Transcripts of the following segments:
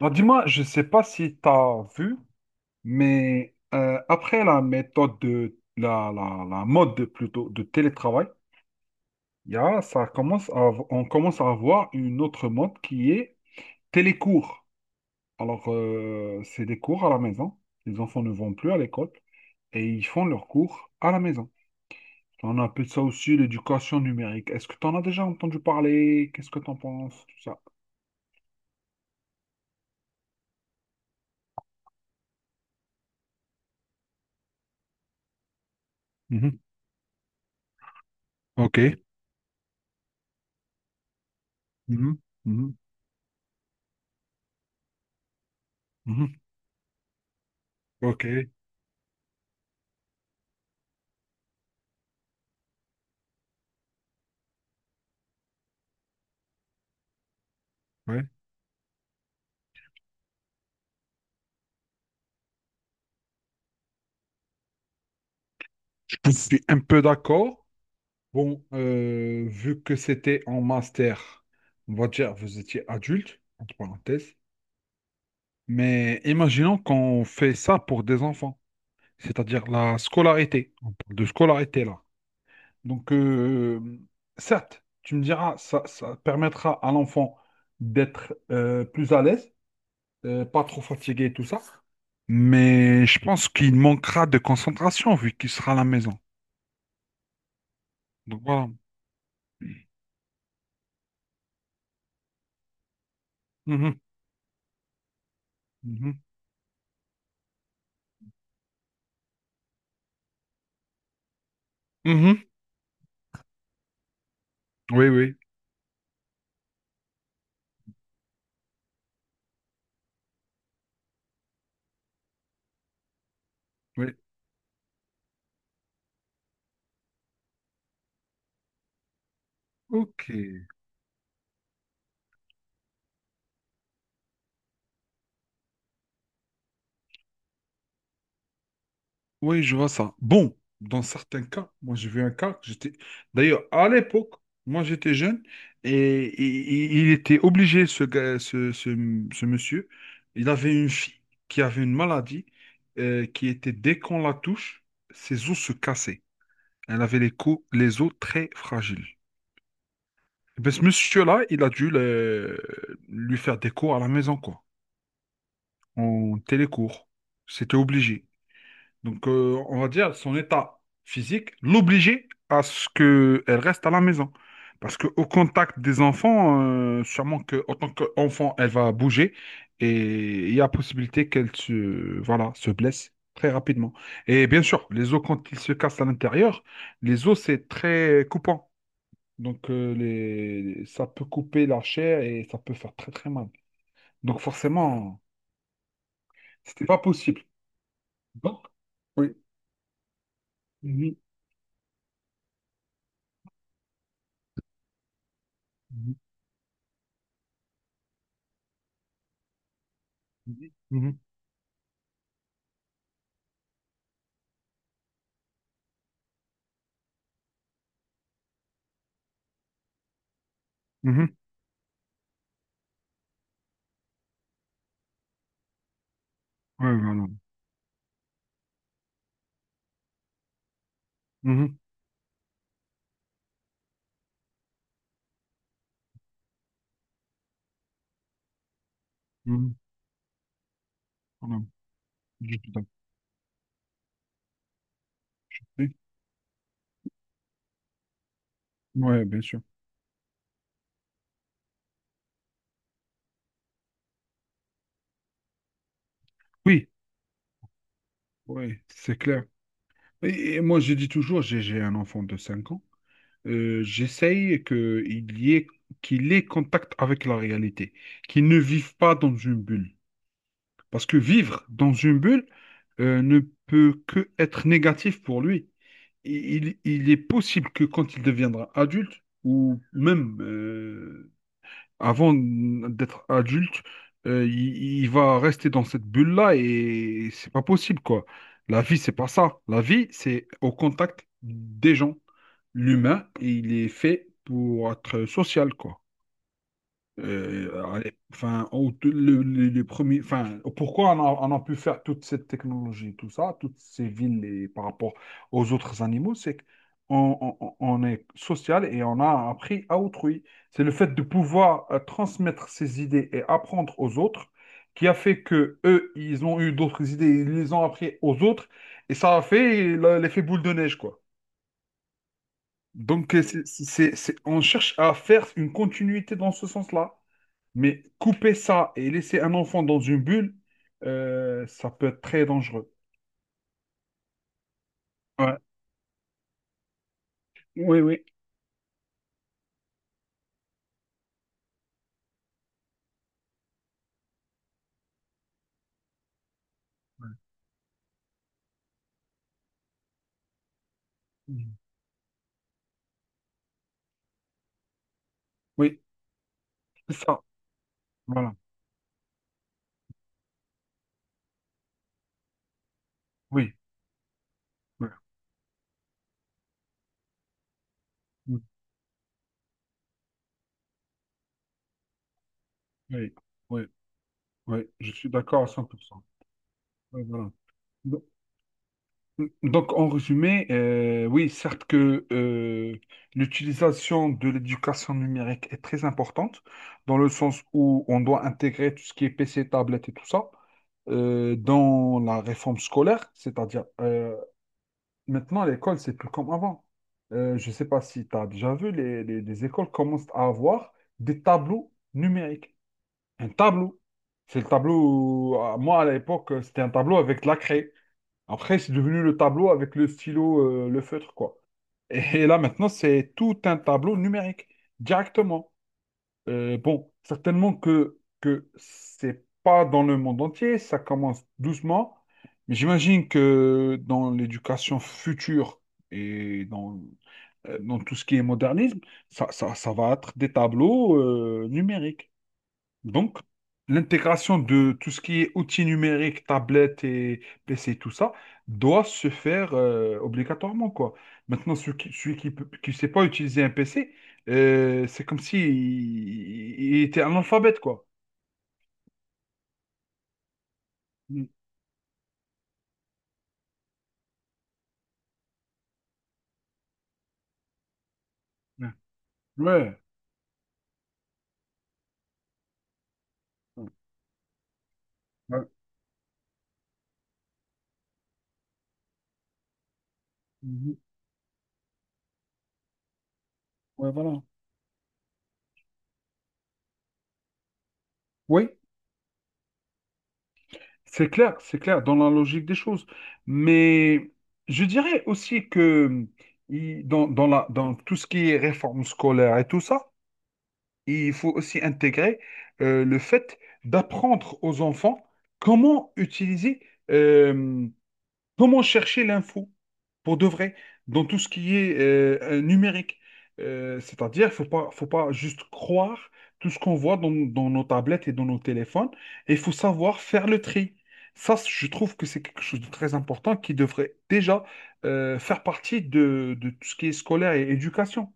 Alors, dis-moi, je sais pas si tu as vu, mais après la méthode de la mode plutôt de télétravail, il y a, ça commence à, av- on commence à avoir une autre mode qui est télécours. C'est des cours à la maison. Les enfants ne vont plus à l'école et ils font leurs cours à la maison. On appelle ça aussi l'éducation numérique. Est-ce que tu en as déjà entendu parler? Qu'est-ce que tu en penses? Tout ça. Mhm. Ok. Mhm. Mhm. Mhm. Ok. Ouais. Je suis un peu d'accord. Vu que c'était en master, on va dire vous étiez adulte, entre parenthèses, mais imaginons qu'on fait ça pour des enfants, c'est-à-dire la scolarité. On parle de scolarité là. Donc, euh, Certes, tu me diras, ça permettra à l'enfant d'être plus à l'aise, pas trop fatigué et tout ça, mais je pense qu'il manquera de concentration vu qu'il sera à la maison. Donc voilà. Mhm, mhm. Mhm. Oui, oui, oui. Ok. Oui, je vois ça. Bon, dans certains cas, moi j'ai vu un cas, que j'étais. D'ailleurs, à l'époque, moi j'étais jeune et il était obligé, ce gars, ce monsieur, il avait une fille qui avait une maladie qui était, dès qu'on la touche, ses os se cassaient. Elle avait les os très fragiles. Eh ben, ce monsieur-là, il a dû lui faire des cours à la maison, quoi, en télécours. C'était obligé. On va dire son état physique l'obligeait à ce qu'elle reste à la maison. Parce qu'au contact des enfants, sûrement que, en tant qu'enfant, elle va bouger et il y a possibilité qu'elle se, voilà, se blesse très rapidement. Et bien sûr, les os, quand ils se cassent à l'intérieur, les os, c'est très coupant. Ça peut couper la chair et ça peut faire très très mal. Donc, forcément, c'était pas possible. Bon. Oui. Mhm. Mhm. Mhm. Mhm. Mhm. Ouais, voilà. Mhm. Mhm. Voilà. Je tout à. Ouais, bien sûr. Oui, ouais, c'est clair. Et moi, je dis toujours, j'ai un enfant de 5 ans. J'essaye que il y ait, qu'il ait contact avec la réalité, qu'il ne vive pas dans une bulle. Parce que vivre dans une bulle ne peut que être négatif pour lui. Il est possible que quand il deviendra adulte, ou même avant d'être adulte, il va rester dans cette bulle-là et c'est pas possible, quoi. La vie, c'est pas ça. La vie, c'est au contact des gens. L'humain, il est fait pour être social, quoi. Euh, alors, les premiers, enfin, pourquoi on a pu faire toute cette technologie, tout ça, toutes ces villes et par rapport aux autres animaux, c'est qu'on on est social et on a appris à autrui. C'est le fait de pouvoir transmettre ses idées et apprendre aux autres qui a fait que eux, ils ont eu d'autres idées, ils les ont appris aux autres et ça a fait l'effet boule de neige, quoi. On cherche à faire une continuité dans ce sens-là. Mais couper ça et laisser un enfant dans une bulle, ça peut être très dangereux. Ouais. Oui, oui. Mhm. Oui, c'est ça. Voilà. Oui. Oui. Mhm. Oui. Oui. Oui. Je suis d'accord à 100%. Oui, voilà. Do- mmh. Oui, certes que l'utilisation de l'éducation numérique est très importante, dans le sens où on doit intégrer tout ce qui est PC, tablette et tout ça dans la réforme scolaire, c'est-à-dire maintenant, l'école, c'est plus comme avant. Je ne sais pas si tu as déjà vu, les écoles commencent à avoir des tableaux numériques. Un tableau. C'est le tableau, moi à l'époque, c'était un tableau avec de la craie. Après, c'est devenu le tableau avec le stylo, le feutre, quoi. Et là, maintenant, c'est tout un tableau numérique, directement. Certainement que c'est pas dans le monde entier, ça commence doucement, mais j'imagine que dans l'éducation future et dans, dans tout ce qui est modernisme, ça va être des tableaux numériques. Donc, l'intégration de tout ce qui est outils numériques, tablettes et PC, tout ça, doit se faire obligatoirement, quoi. Maintenant, celui qui sait pas utiliser un PC, c'est comme si il, il était analphabète, quoi. Mm. Ouais. Ouais. Ouais. Mhm. Ouais, voilà. Oui, c'est clair, dans la logique des choses. Mais je dirais aussi que dans tout ce qui est réforme scolaire et tout ça, il faut aussi intégrer le fait d'apprendre aux enfants comment utiliser, euh, comment chercher l'info pour de vrai dans tout ce qui est numérique. C'est-à-dire, faut pas juste croire tout ce qu'on voit dans, dans nos tablettes et dans nos téléphones, et il faut savoir faire le tri. Je trouve que c'est quelque chose de très important qui devrait déjà faire partie de tout ce qui est scolaire et éducation.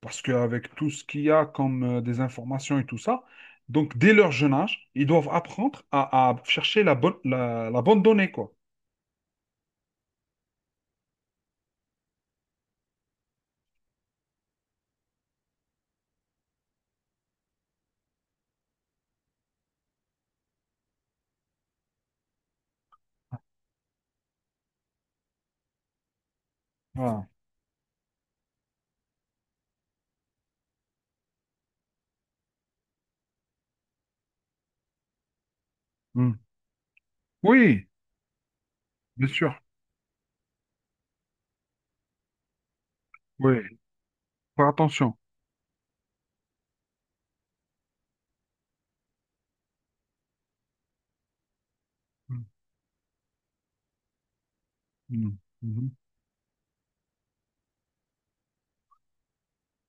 Parce qu'avec tout ce qu'il y a comme des informations et tout ça, donc dès leur jeune âge, ils doivent apprendre à chercher la bonne, la bonne donnée, quoi. Voilà. Mm. Oui, bien sûr. Oui, faire attention. Mm. Mm. Mhm.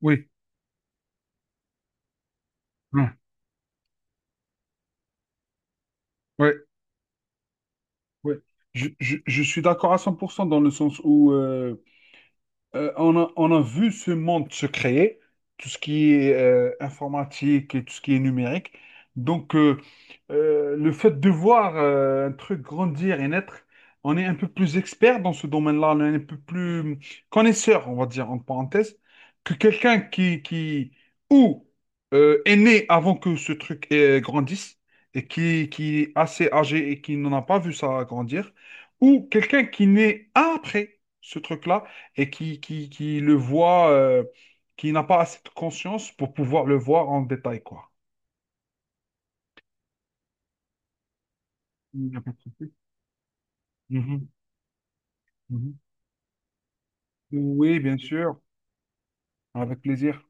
Oui, Mm. oui, oui. Je suis d'accord à 100% dans le sens où, on a vu ce monde se créer, tout ce qui est informatique et tout ce qui est numérique. Donc, euh, le fait de voir un truc grandir et naître, on est un peu plus expert dans ce domaine-là, on est un peu plus connaisseur, on va dire, en parenthèse, que qui ou est né avant que ce truc grandisse et qui est assez âgé et qui n'en a pas vu ça grandir, ou quelqu'un qui naît après ce truc-là et qui le voit, qui n'a pas assez de conscience pour pouvoir le voir en détail, quoi. Il n'y a pas de souci. Mhm, mhm. Oui, bien sûr, avec plaisir.